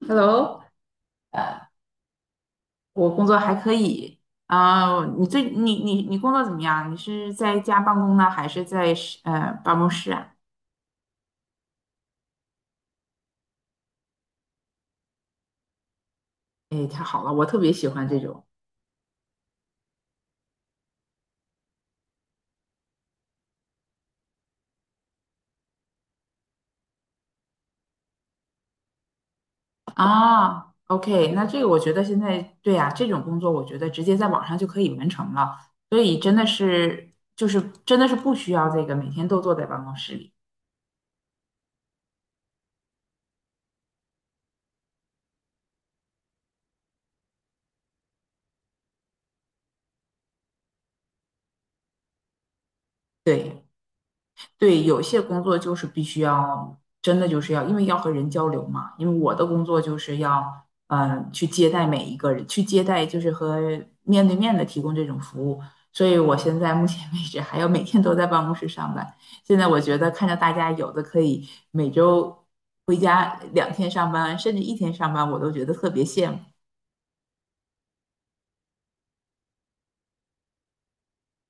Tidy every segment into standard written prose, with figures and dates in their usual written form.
Hello，呃，我工作还可以。啊，你最你你你工作怎么样？你是在家办公呢，还是在办公室啊？哎，太好了，我特别喜欢这种。啊，OK，那这个我觉得现在对呀、这种工作我觉得直接在网上就可以完成了，所以真的是不需要这个每天都坐在办公室里。对，对，有些工作就是必须要，真的就是要，因为要和人交流嘛。因为我的工作就是要，去接待每一个人，去接待就是和面对面的提供这种服务。所以我现在目前为止还要每天都在办公室上班。现在我觉得看着大家有的可以每周回家2天上班，甚至1天上班，我都觉得特别羡慕。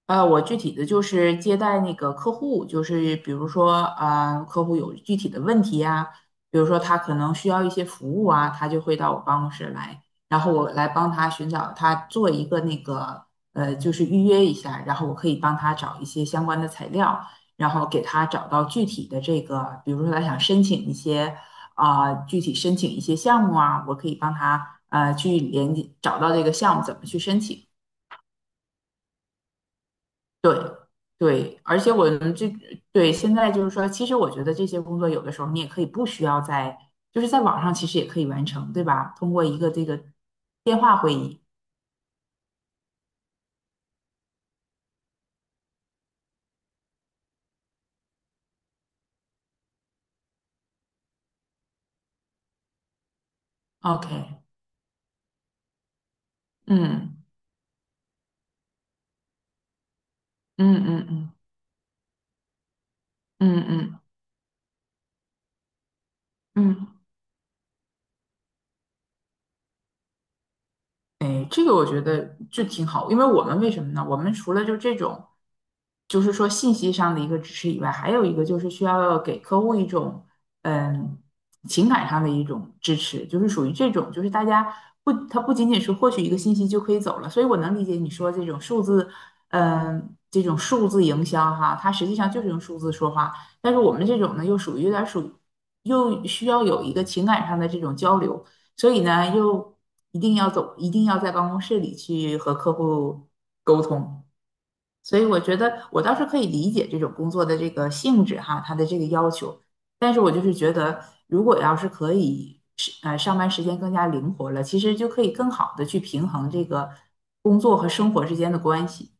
我具体的就是接待那个客户，就是比如说，客户有具体的问题呀、比如说他可能需要一些服务啊，他就会到我办公室来，然后我来帮他寻找，他做一个那个，就是预约一下，然后我可以帮他找一些相关的材料，然后给他找到具体的这个，比如说他想申请一些，具体申请一些项目啊，我可以帮他，去连接找到这个项目怎么去申请。对对，而且我们这，对，现在就是说，其实我觉得这些工作有的时候你也可以不需要在，就是在网上其实也可以完成，对吧？通过一个这个电话会议。OK,嗯嗯嗯嗯嗯嗯嗯。嗯，哎，这个我觉得就挺好，因为我们为什么呢？我们除了就这种，就是说信息上的一个支持以外，还有一个就是需要给客户一种嗯情感上的一种支持，就是属于这种，就是大家不，他不仅仅是获取一个信息就可以走了，所以我能理解你说这种数字，嗯，这种数字营销哈，它实际上就是用数字说话，但是我们这种呢，又属于有点儿属于又需要有一个情感上的这种交流。所以呢，又一定要走，一定要在办公室里去和客户沟通。所以我觉得我倒是可以理解这种工作的这个性质哈，它的这个要求。但是我就是觉得，如果要是可以上班时间更加灵活了，其实就可以更好的去平衡这个工作和生活之间的关系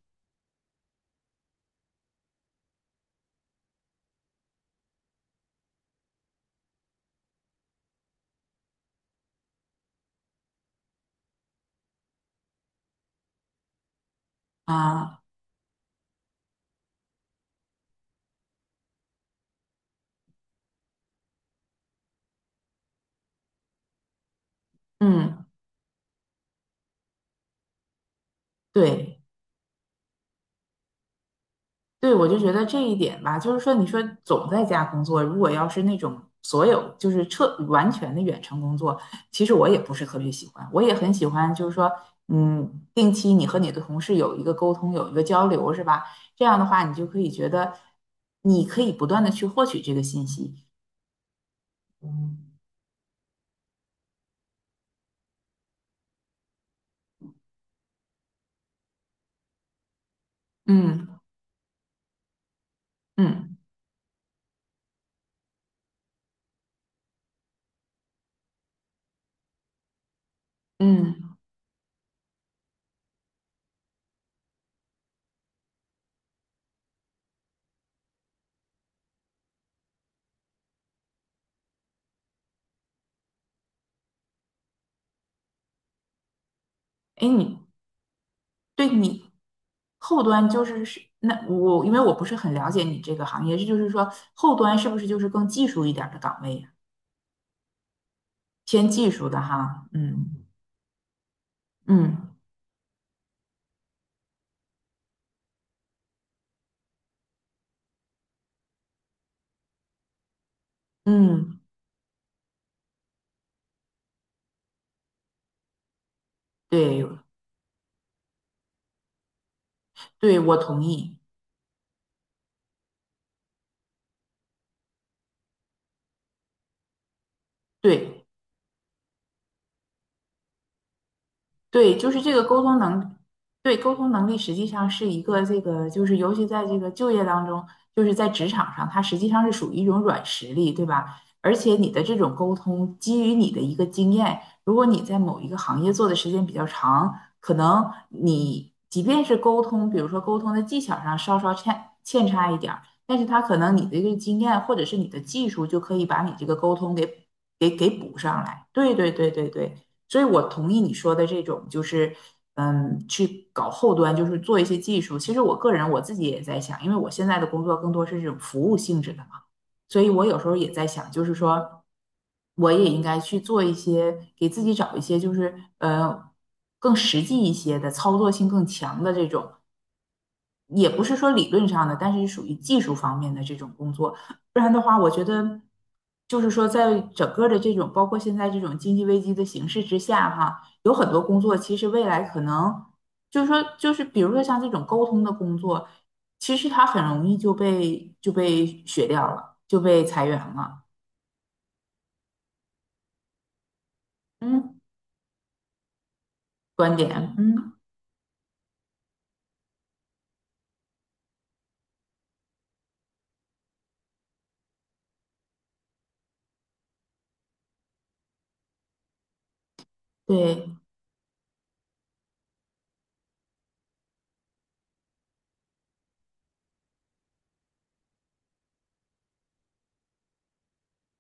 啊。嗯，对。对，我就觉得这一点吧，就是说，你说总在家工作，如果要是那种所有就是彻完全的远程工作，其实我也不是特别喜欢。我也很喜欢，就是说，定期你和你的同事有一个沟通，有一个交流，是吧？这样的话，你就可以觉得你可以不断的去获取这个信息。嗯嗯嗯，哎，对，你后端就是是那我，因为我不是很了解你这个行业，这就是说后端是不是就是更技术一点儿的岗位，偏技术的哈，嗯嗯嗯，对对，我同意，对。对，就是这个沟通能，对，沟通能力实际上是一个这个，就是尤其在这个就业当中，就是在职场上，它实际上是属于一种软实力，对吧？而且你的这种沟通基于你的一个经验，如果你在某一个行业做的时间比较长，可能你即便是沟通，比如说沟通的技巧上稍稍欠差一点儿，但是他可能你的这个经验或者是你的技术就可以把你这个沟通给补上来。对对对对对。所以我同意你说的这种，就是去搞后端，就是做一些技术。其实我个人我自己也在想，因为我现在的工作更多是这种服务性质的嘛，所以我有时候也在想，就是说我也应该去做一些，给自己找一些，就是更实际一些的操作性更强的这种。也不是说理论上的，但是属于技术方面的这种工作。不然的话，我觉得就是说，在整个的这种包括现在这种经济危机的形势之下，哈，有很多工作其实未来可能就是说，就是比如说像这种沟通的工作，其实它很容易就被雪掉了，就被裁员了。嗯，观点，嗯，对，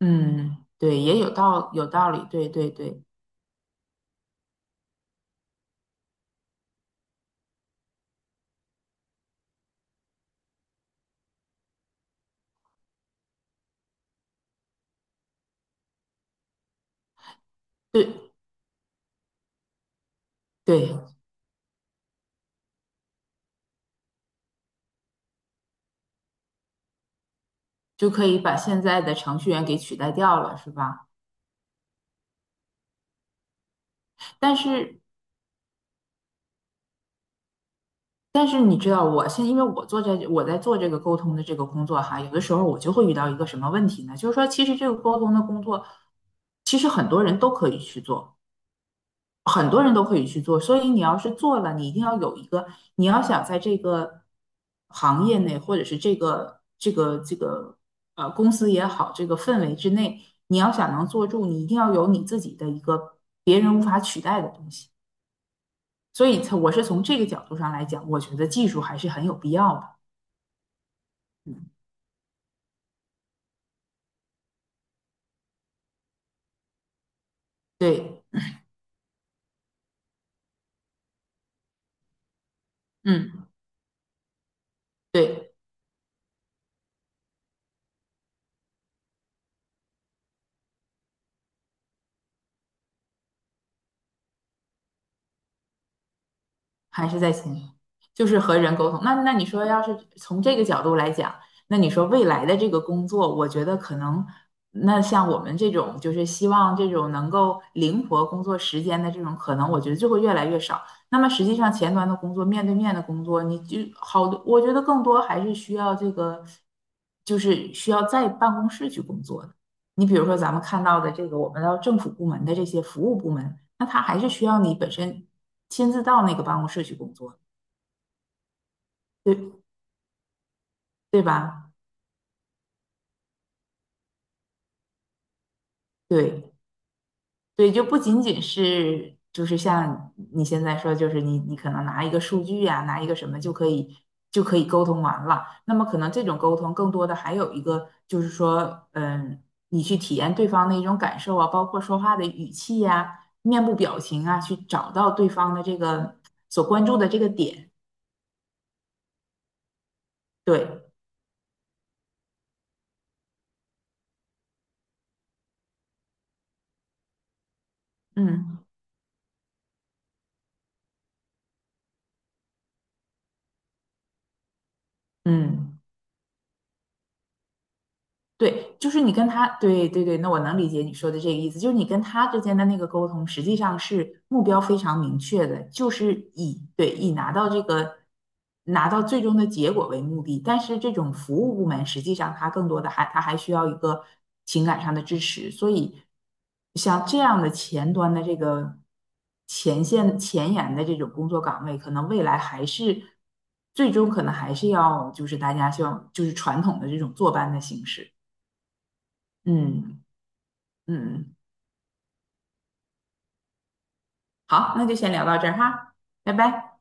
嗯，对，也有道理，对对对对对。就可以把现在的程序员给取代掉了，是吧？但是，你知道，我，因为我我在做这个沟通的这个工作哈，有的时候我就会遇到一个什么问题呢？就是说，其实这个沟通的工作，其实很多人都可以去做，很多人都可以去做。所以你要是做了，你一定要有一个，你要想在这个行业内，或者是这个公司也好，这个氛围之内，你要想能做住，你一定要有你自己的一个别人无法取代的东西。所以是从这个角度上来讲，我觉得技术还是很有必要的。嗯，对，嗯，对。还是在前面，就是和人沟通。那你说，要是从这个角度来讲，那你说未来的这个工作，我觉得可能，那像我们这种就是希望这种能够灵活工作时间的这种，可能我觉得就会越来越少。那么实际上前端的工作，面对面的工作，你就好多，我觉得更多还是需要这个，就是需要在办公室去工作的。你比如说咱们看到的这个，我们到政府部门的这些服务部门。那他还是需要你本身亲自到那个办公室去工作，对，对吧？对对，就不仅仅是就是像你现在说，就是你可能拿一个数据啊，拿一个什么就可以沟通完了。那么可能这种沟通更多的还有一个就是说，你去体验对方的一种感受啊，包括说话的语气呀、面部表情啊，去找到对方的这个所关注的这个点。对，嗯嗯。对，就是你跟他，对对对，那我能理解你说的这个意思，就是你跟他之间的那个沟通，实际上是目标非常明确的，就是以拿到拿到最终的结果为目的。但是这种服务部门，实际上它更多的它还需要一个情感上的支持，所以像这样的前端的这个前线前沿的这种工作岗位，可能未来还是最终可能还是要就是大家像就是传统的这种坐班的形式。嗯嗯，好，那就先聊到这儿哈，拜拜。